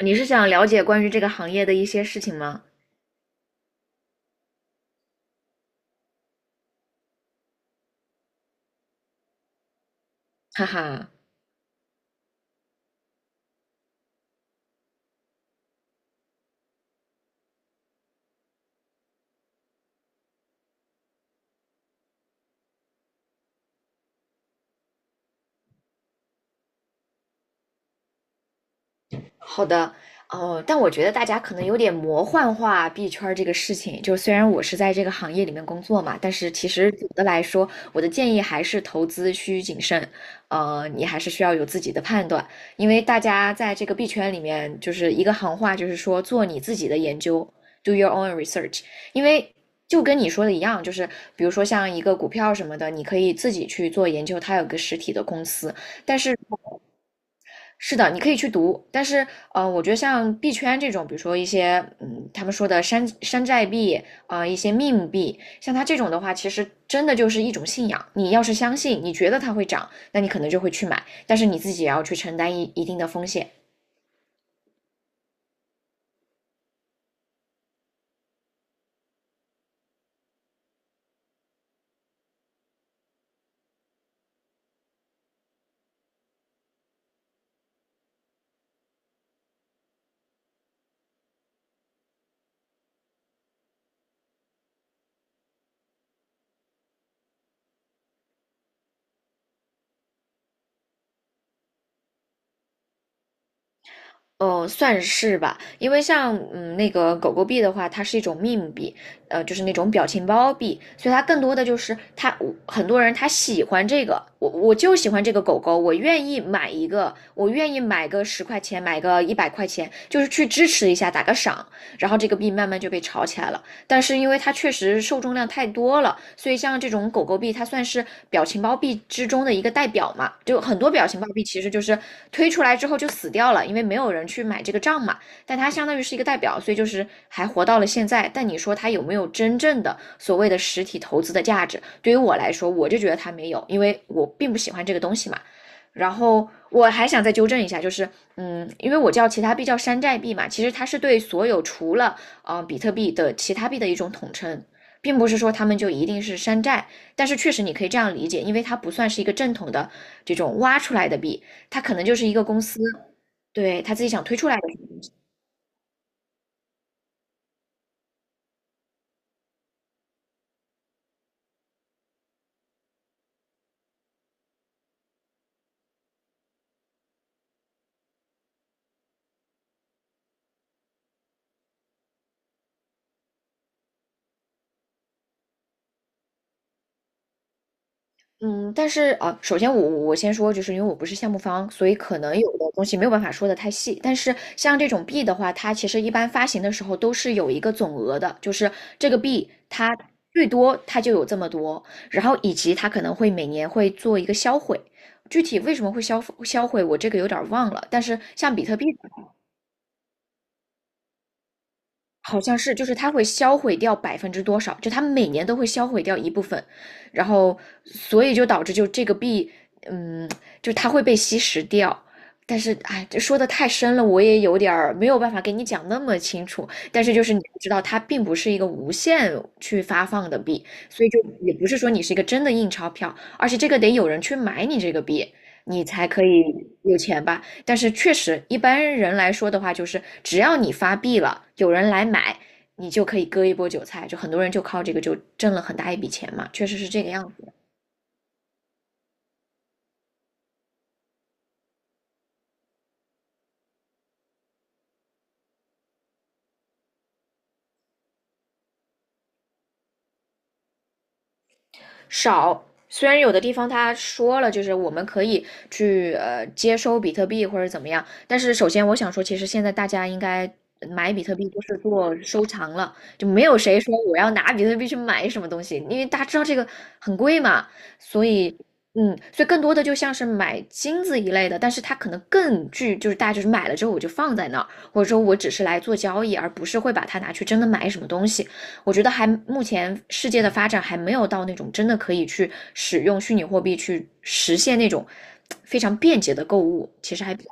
你是想了解关于这个行业的一些事情吗？哈哈。好的，哦，但我觉得大家可能有点魔幻化币圈儿这个事情。就是虽然我是在这个行业里面工作嘛，但是其实总的来说，我的建议还是投资需谨慎。你还是需要有自己的判断，因为大家在这个币圈里面，就是一个行话，就是说做你自己的研究，do your own research。因为就跟你说的一样，就是比如说像一个股票什么的，你可以自己去做研究，它有个实体的公司，但是是的，你可以去读。但是我觉得像币圈这种，比如说一些他们说的山寨币一些 meme 币，像它这种的话，其实真的就是一种信仰。你要是相信，你觉得它会涨，那你可能就会去买，但是你自己也要去承担一定的风险。算是吧，因为像那个狗狗币的话，它是一种 meme 币，就是那种表情包币，所以它更多的就是它我很多人他喜欢这个，我就喜欢这个狗狗，我愿意买一个，我愿意买个10块钱，买个100块钱，就是去支持一下，打个赏，然后这个币慢慢就被炒起来了。但是因为它确实受众量太多了，所以像这种狗狗币，它算是表情包币之中的一个代表嘛。就很多表情包币其实就是推出来之后就死掉了，因为没有人去买这个账嘛。但它相当于是一个代表，所以就是还活到了现在。但你说它有没有真正的所谓的实体投资的价值？对于我来说，我就觉得它没有，因为我并不喜欢这个东西嘛。然后我还想再纠正一下，就是，因为我叫其他币叫山寨币嘛，其实它是对所有除了比特币的其他币的一种统称，并不是说他们就一定是山寨，但是确实你可以这样理解，因为它不算是一个正统的这种挖出来的币，它可能就是一个公司对他自己想推出来的。嗯，但是啊，首先我先说，就是因为我不是项目方，所以可能有的东西没有办法说的太细。但是像这种币的话，它其实一般发行的时候都是有一个总额的，就是这个币它最多它就有这么多，然后以及它可能会每年会做一个销毁。具体为什么会销毁，我这个有点儿忘了。但是像比特币好像是，就是它会销毁掉百分之多少，就它每年都会销毁掉一部分，然后所以就导致就这个币，嗯，就它会被吸食掉。但是，哎，这说的太深了，我也有点儿没有办法给你讲那么清楚。但是就是你要知道，它并不是一个无限去发放的币，所以就也不是说你是一个真的印钞票，而且这个得有人去买你这个币，你才可以有钱吧。但是确实，一般人来说的话，就是只要你发币了，有人来买，你就可以割一波韭菜，就很多人就靠这个就挣了很大一笔钱嘛，确实是这个样子。少。虽然有的地方他说了，就是我们可以去接收比特币或者怎么样，但是首先我想说，其实现在大家应该买比特币都是做收藏了，就没有谁说我要拿比特币去买什么东西，因为大家知道这个很贵嘛，所以。嗯，所以更多的就像是买金子一类的，但是它可能更具，就是大家就是买了之后我就放在那儿，或者说我只是来做交易，而不是会把它拿去真的买什么东西。我觉得还目前世界的发展还没有到那种真的可以去使用虚拟货币去实现那种非常便捷的购物，其实还比较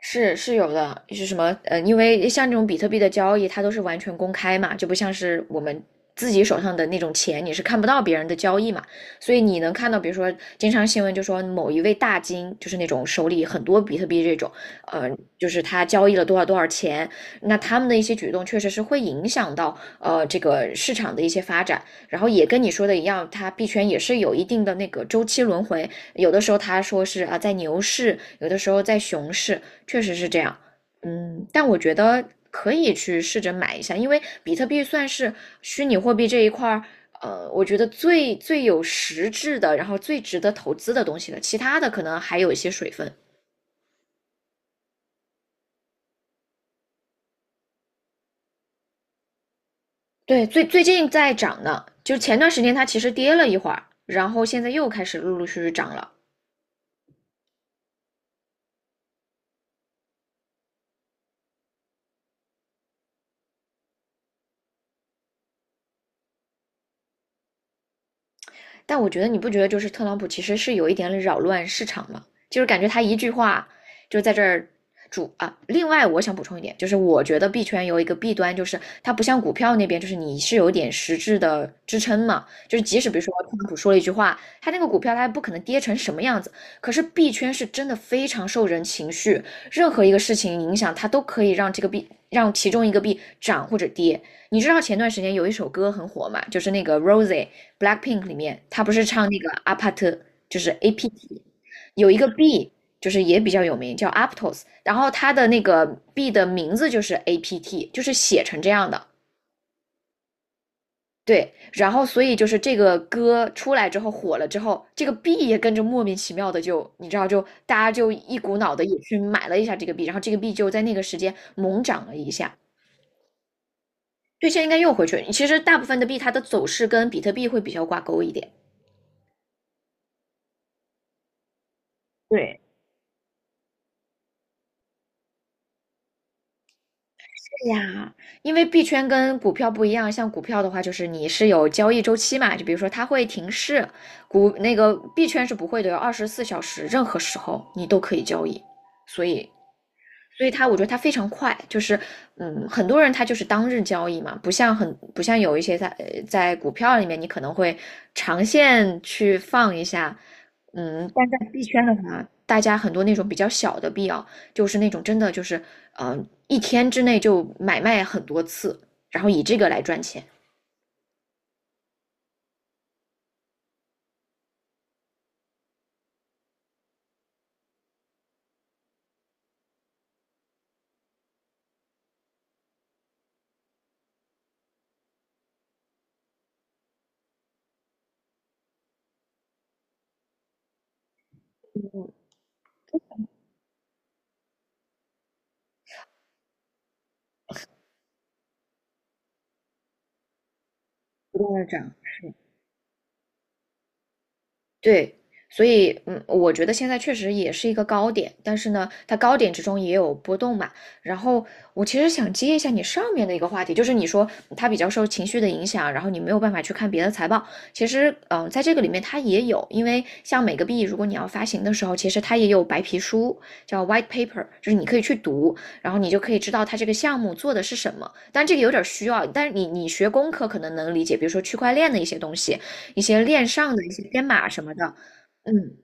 是有的。是什么？因为像这种比特币的交易，它都是完全公开嘛，就不像是我们自己手上的那种钱，你是看不到别人的交易嘛。所以你能看到，比如说，经常新闻就说某一位大金，就是那种手里很多比特币这种，呃，就是他交易了多少多少钱，那他们的一些举动确实是会影响到这个市场的一些发展。然后也跟你说的一样，它币圈也是有一定的那个周期轮回，有的时候他说是啊在牛市，有的时候在熊市。确实是这样。但我觉得可以去试着买一下，因为比特币算是虚拟货币这一块儿，我觉得最有实质的，然后最值得投资的东西了。其他的可能还有一些水分。对，最近在涨呢，就前段时间它其实跌了一会儿，然后现在又开始陆陆续续涨了。但我觉得你不觉得就是特朗普其实是有一点扰乱市场吗？就是感觉他一句话就在这儿主啊。另外，我想补充一点，就是我觉得币圈有一个弊端，就是它不像股票那边，就是你是有点实质的支撑嘛。就是即使比如说特朗普说了一句话，他那个股票它不可能跌成什么样子。可是币圈是真的非常受人情绪，任何一个事情影响它都可以让这个币让其中一个币涨或者跌。你知道前段时间有一首歌很火嘛，就是那个 Rosie，Blackpink 里面，他不是唱那个阿帕特，就是 APT，有一个 B，就是也比较有名，叫 Aptos，然后它的那个 B 的名字就是 APT，就是写成这样的。对，然后所以就是这个歌出来之后火了之后，这个币也跟着莫名其妙的就，你知道就大家就一股脑的也去买了一下这个币，然后这个币就在那个时间猛涨了一下。对，现在应该又回去了。其实大部分的币它的走势跟比特币会比较挂钩一点。对，对呀，因为币圈跟股票不一样，像股票的话，就是你是有交易周期嘛，就比如说它会停市，股那个币圈是不会的，有24小时，任何时候你都可以交易，所以所以它，我觉得它非常快，就是。很多人他就是当日交易嘛，不像不像有一些在在股票里面，你可能会长线去放一下。但在币圈的话，大家很多那种比较小的币啊，就是那种真的就是。一天之内就买卖很多次，然后以这个来赚钱，不断的涨，是对，所以。嗯，我觉得现在确实也是一个高点，但是呢，它高点之中也有波动嘛。然后我其实想接一下你上面的一个话题，就是你说它比较受情绪的影响，然后你没有办法去看别的财报。其实在这个里面它也有，因为像每个币如果你要发行的时候，其实它也有白皮书，叫 white paper，就是你可以去读，然后你就可以知道它这个项目做的是什么。但这个有点需要，但是你学工科可能能理解，比如说区块链的一些东西，一些链上的一些编码什么的。嗯，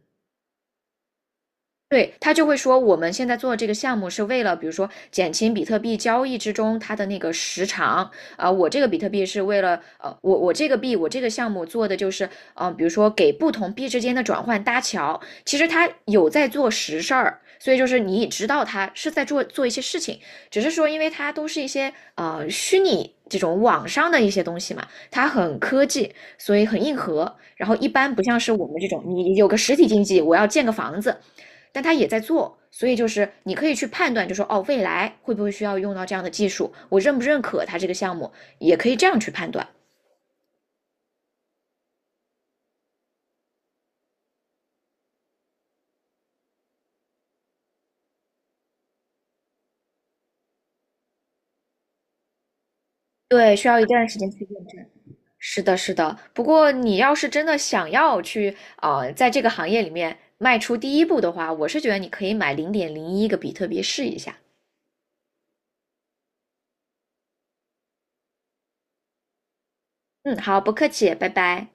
对，他就会说，我们现在做的这个项目是为了，比如说减轻比特币交易之中它的那个时长我这个比特币是为了我这个币我这个项目做的就是，比如说给不同币之间的转换搭桥，其实他有在做实事儿，所以就是你知道他是在做一些事情，只是说因为它都是一些虚拟这种网上的一些东西嘛，它很科技，所以很硬核，然后一般不像是我们这种，你有个实体经济，我要建个房子。但他也在做，所以就是你可以去判断，就说哦，未来会不会需要用到这样的技术，我认不认可它这个项目，也可以这样去判断。对，需要一段时间去验证。是的，是的。不过你要是真的想要去在这个行业里面迈出第一步的话，我是觉得你可以买0.01个比特币试一下。嗯，好，不客气，拜拜。